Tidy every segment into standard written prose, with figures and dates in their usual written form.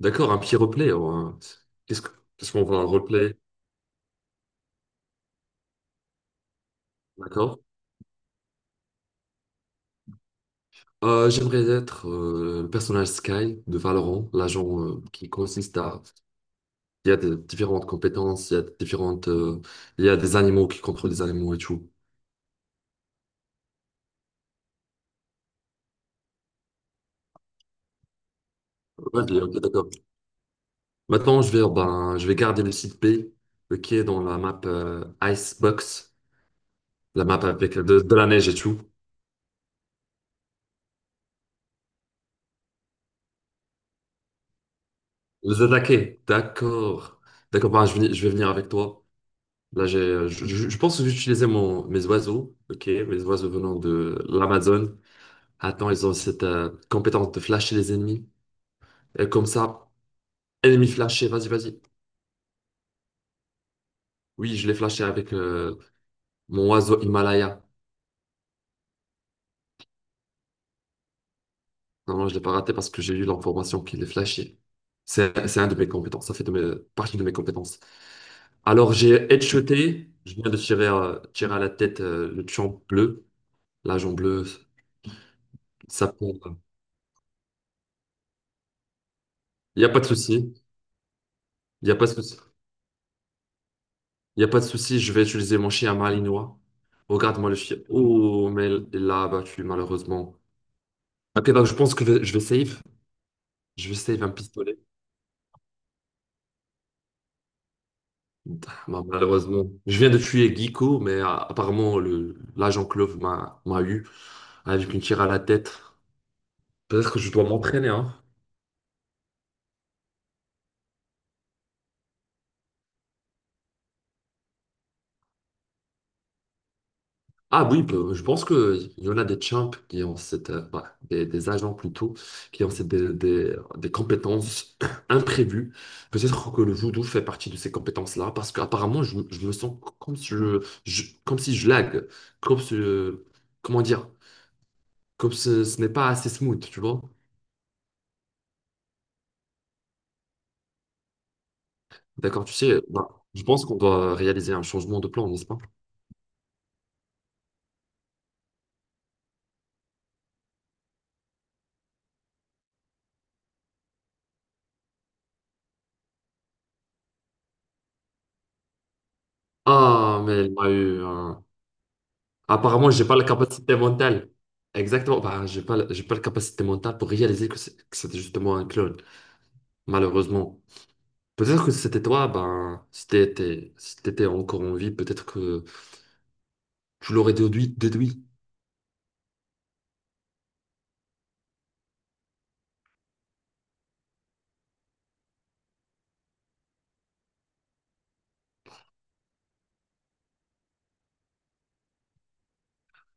D'accord, un petit replay, hein. Qu'est-ce que- qu'est-ce qu'on voit en replay? D'accord. J'aimerais être le personnage Sky de Valorant, l'agent qui consiste à... Il y a des différentes compétences, il y a des différentes... il y a des animaux qui contrôlent les animaux et tout. Ouais, ok, d'accord. Maintenant, je vais, ben, je vais garder le site B qui est dans la map Icebox, la map avec de la neige et tout. Les attaquer, d'accord. D'accord, ben, je vais venir avec toi. Là, je pense que j'utilisais mes oiseaux, ok, mes oiseaux venant de l'Amazone. Attends, ils ont cette compétence de flasher les ennemis. Et comme ça, ennemi flashé, vas-y, vas-y. Oui, je l'ai flashé avec mon oiseau Himalaya. Non, non, je l'ai pas raté parce que j'ai eu l'information qu'il est flashé. C'est un de mes compétences, ça fait partie de mes compétences. Alors, j'ai headshoté, je viens de tirer, tirer à la tête le pion bleu, l'agent bleu, ça pour. Il n'y a pas de souci, il n'y a pas de souci. Il n'y a pas de souci, je vais utiliser mon chien malinois. Regarde-moi le chien. Oh, mais il l'a abattu, malheureusement. Ok, donc je pense que je vais save. Je vais save un pistolet. Bah, malheureusement. Je viens de tuer Guico, mais apparemment, l'agent Clove m'a eu avec une tire à la tête. Peut-être que je dois m'entraîner, hein. Ah oui, je pense qu'il y en a des champs qui ont cette, bah, des agents plutôt, qui ont des compétences imprévues. Peut-être que le judo fait partie de ces compétences-là, parce qu'apparemment, je me sens comme si comme si je lag, comme si, comment dire, comme ce n'est pas assez smooth, tu vois. D'accord, tu sais, bah, je pense qu'on doit réaliser un changement de plan, n'est-ce pas? Ah, mais il m'a eu un. Apparemment, j'ai pas la capacité mentale. Exactement. Bah, j'ai pas la capacité mentale pour réaliser que c'était justement un clone, malheureusement. Peut-être que si c'était toi, ben, si t'étais encore en vie, peut-être que tu l'aurais déduit.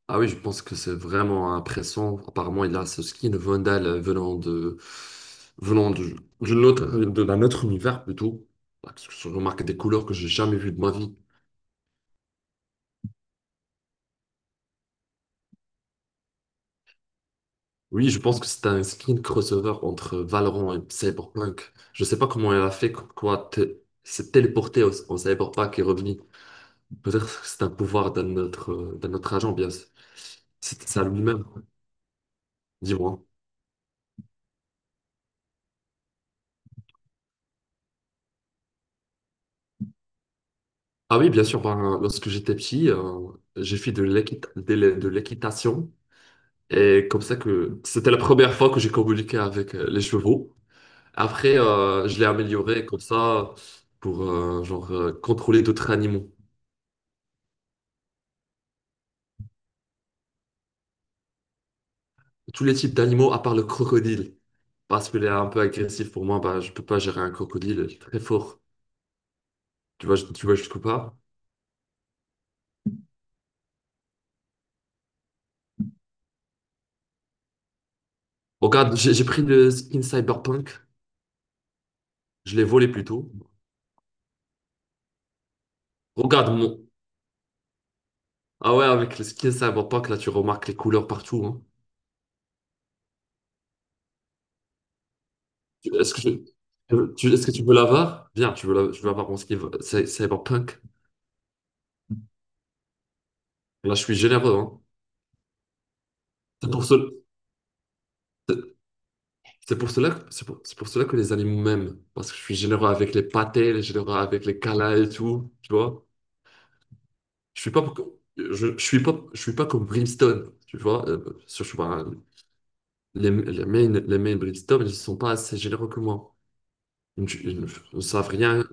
Ah oui, je pense que c'est vraiment impressionnant. Apparemment, il a ce skin Vandal venant de, d'une d'un autre univers plutôt. Parce que je remarque des couleurs que j'ai jamais vues de ma vie. Oui, je pense que c'est un skin crossover entre Valorant et Cyberpunk. Je sais pas comment elle a fait, s'est téléportée en Cyberpunk et revenue. Peut-être que c'est un pouvoir d'un autre agent, bien sûr. C'était ça lui-même, dis-moi. Ah oui, bien sûr, ben, lorsque j'étais petit, j'ai fait de l'équitation. Et comme ça que c'était la première fois que j'ai communiqué avec les chevaux. Après, je l'ai amélioré comme ça pour genre, contrôler d'autres animaux. Tous les types d'animaux à part le crocodile. Parce qu'il est un peu agressif pour moi, bah, je peux pas gérer un crocodile très fort. Tu vois jusqu'où pas. Regarde, j'ai pris le skin cyberpunk, je l'ai volé plutôt. Regarde mon. Ah ouais, avec le skin cyberpunk, là, tu remarques les couleurs partout, hein. Tu- Est-ce que, Est-ce que tu veux l'avoir? Viens, je veux avoir mon skin cyberpunk. Là, je suis généreux, hein. C'est pour cela, c'est c'est pour cela, c'est pour cela que les animaux m'aiment. Parce que je suis généreux avec les pâtés, généreux avec les câlins et tout. Tu vois? Je suis pas, je suis pas, je suis pas comme Brimstone, tu vois. Je sais pas, les mains Brimstone, ils sont pas assez généreux que moi. Ils ne savent rien.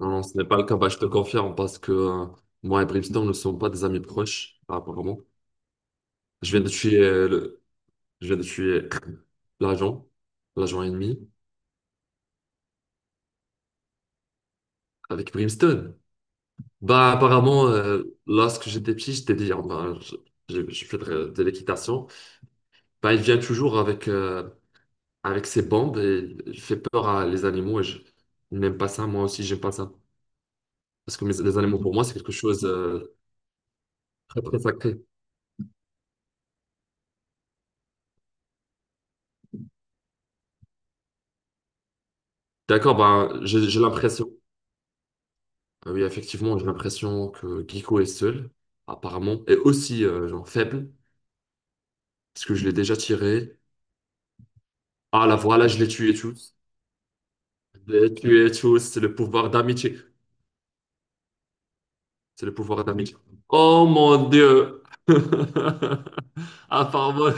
Non, non, ce n'est pas le cas. Bah, je te confirme parce que moi et Brimstone ne sont pas des amis proches, apparemment. Je viens de tuer je viens de tuer l'agent, l'agent ennemi avec Brimstone. Bah, apparemment, lorsque j'étais petit, j'étais dit, ah, bah, je fais de l'équitation. Bah, il vient toujours avec, avec ses bombes, et il fait peur à les animaux et je n'aime pas ça. Moi aussi, j'aime pas ça. Parce que les animaux, pour moi, c'est quelque chose de très, très sacré. D'accord, ben, j'ai l'impression. Ah oui, effectivement, j'ai l'impression que Giko est seul, apparemment, et aussi genre faible, parce que je l'ai déjà tiré. Ah là, voilà, je l'ai tué tous. Je l'ai tué tous, c'est le pouvoir d'amitié. C'est le pouvoir d'amitié. Oh mon Dieu! Apparemment,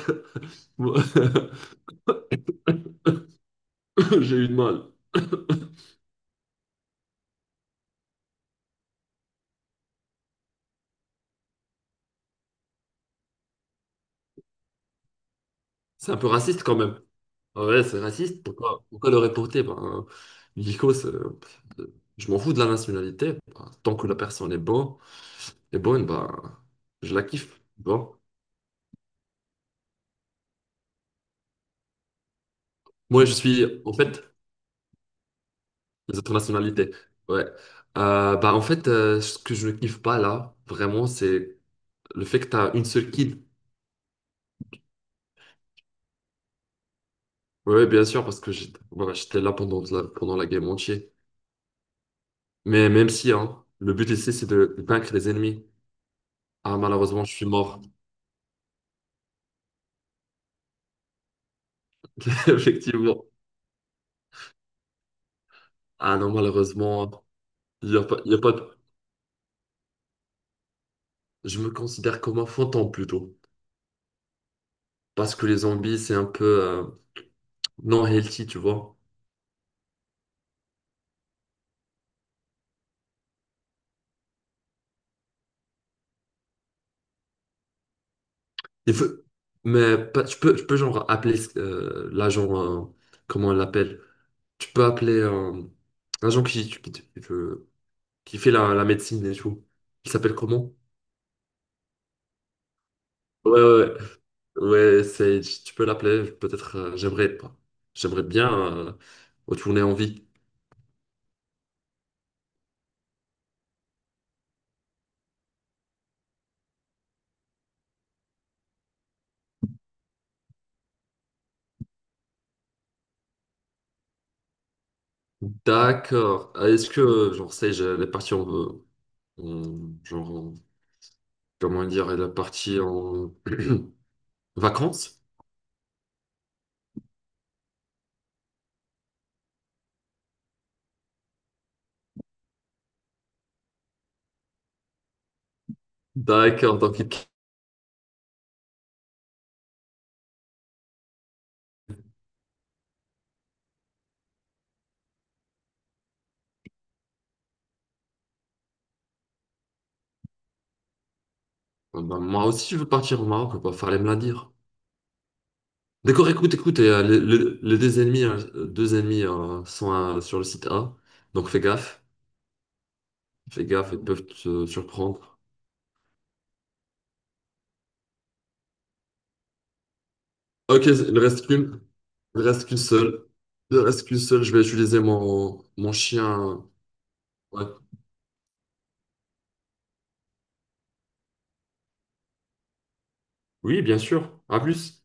j'ai eu de mal. C'est un peu raciste quand même. Ouais, c'est raciste. Pourquoi le reporter? Nico, c'est- je m'en fous de la nationalité. Ben, tant que la personne est bonne, ben, je la kiffe. Bon. Moi, je suis, en fait, Les autres nationalités. Ouais. En fait, ce que je ne kiffe pas là, vraiment, c'est le fait que tu as une seule kid. Ouais, ouais, bien sûr, parce que j'étais là pendant pendant la game entière. Mais même si, hein, le but ici, c'est de vaincre les ennemis. Ah, malheureusement, je suis mort. Effectivement. Ah non, malheureusement. Il y a pas, il y a pas de- Je me considère comme un fantôme plutôt. Parce que les zombies, c'est un peu non healthy, tu vois. Il faut... Mais tu peux genre appeler comment on l'appelle? Tu peux appeler l'agent qui fait la médecine et tout. Il s'appelle comment? Ouais, ouais, ouais, ouais, c'est, tu peux l'appeler, peut-être, j'aimerais pas. J'aimerais bien euh, retourner en vie. D'accord. Ah, est-ce que, genre, sais-je, les parties genre, comment dire, elle est partie en vacances. D'accord, donc il- Ah bah, moi aussi je veux partir au Maroc, bah, fallait me la dire. D'accord, écoute, écoute, et, les deux ennemis sont sur le site A, donc fais gaffe, ils peuvent te surprendre. Ok, il reste qu'une, il reste qu'une seule, il reste qu'une seule, je vais utiliser mon chien. Ouais. Oui, bien sûr, à plus.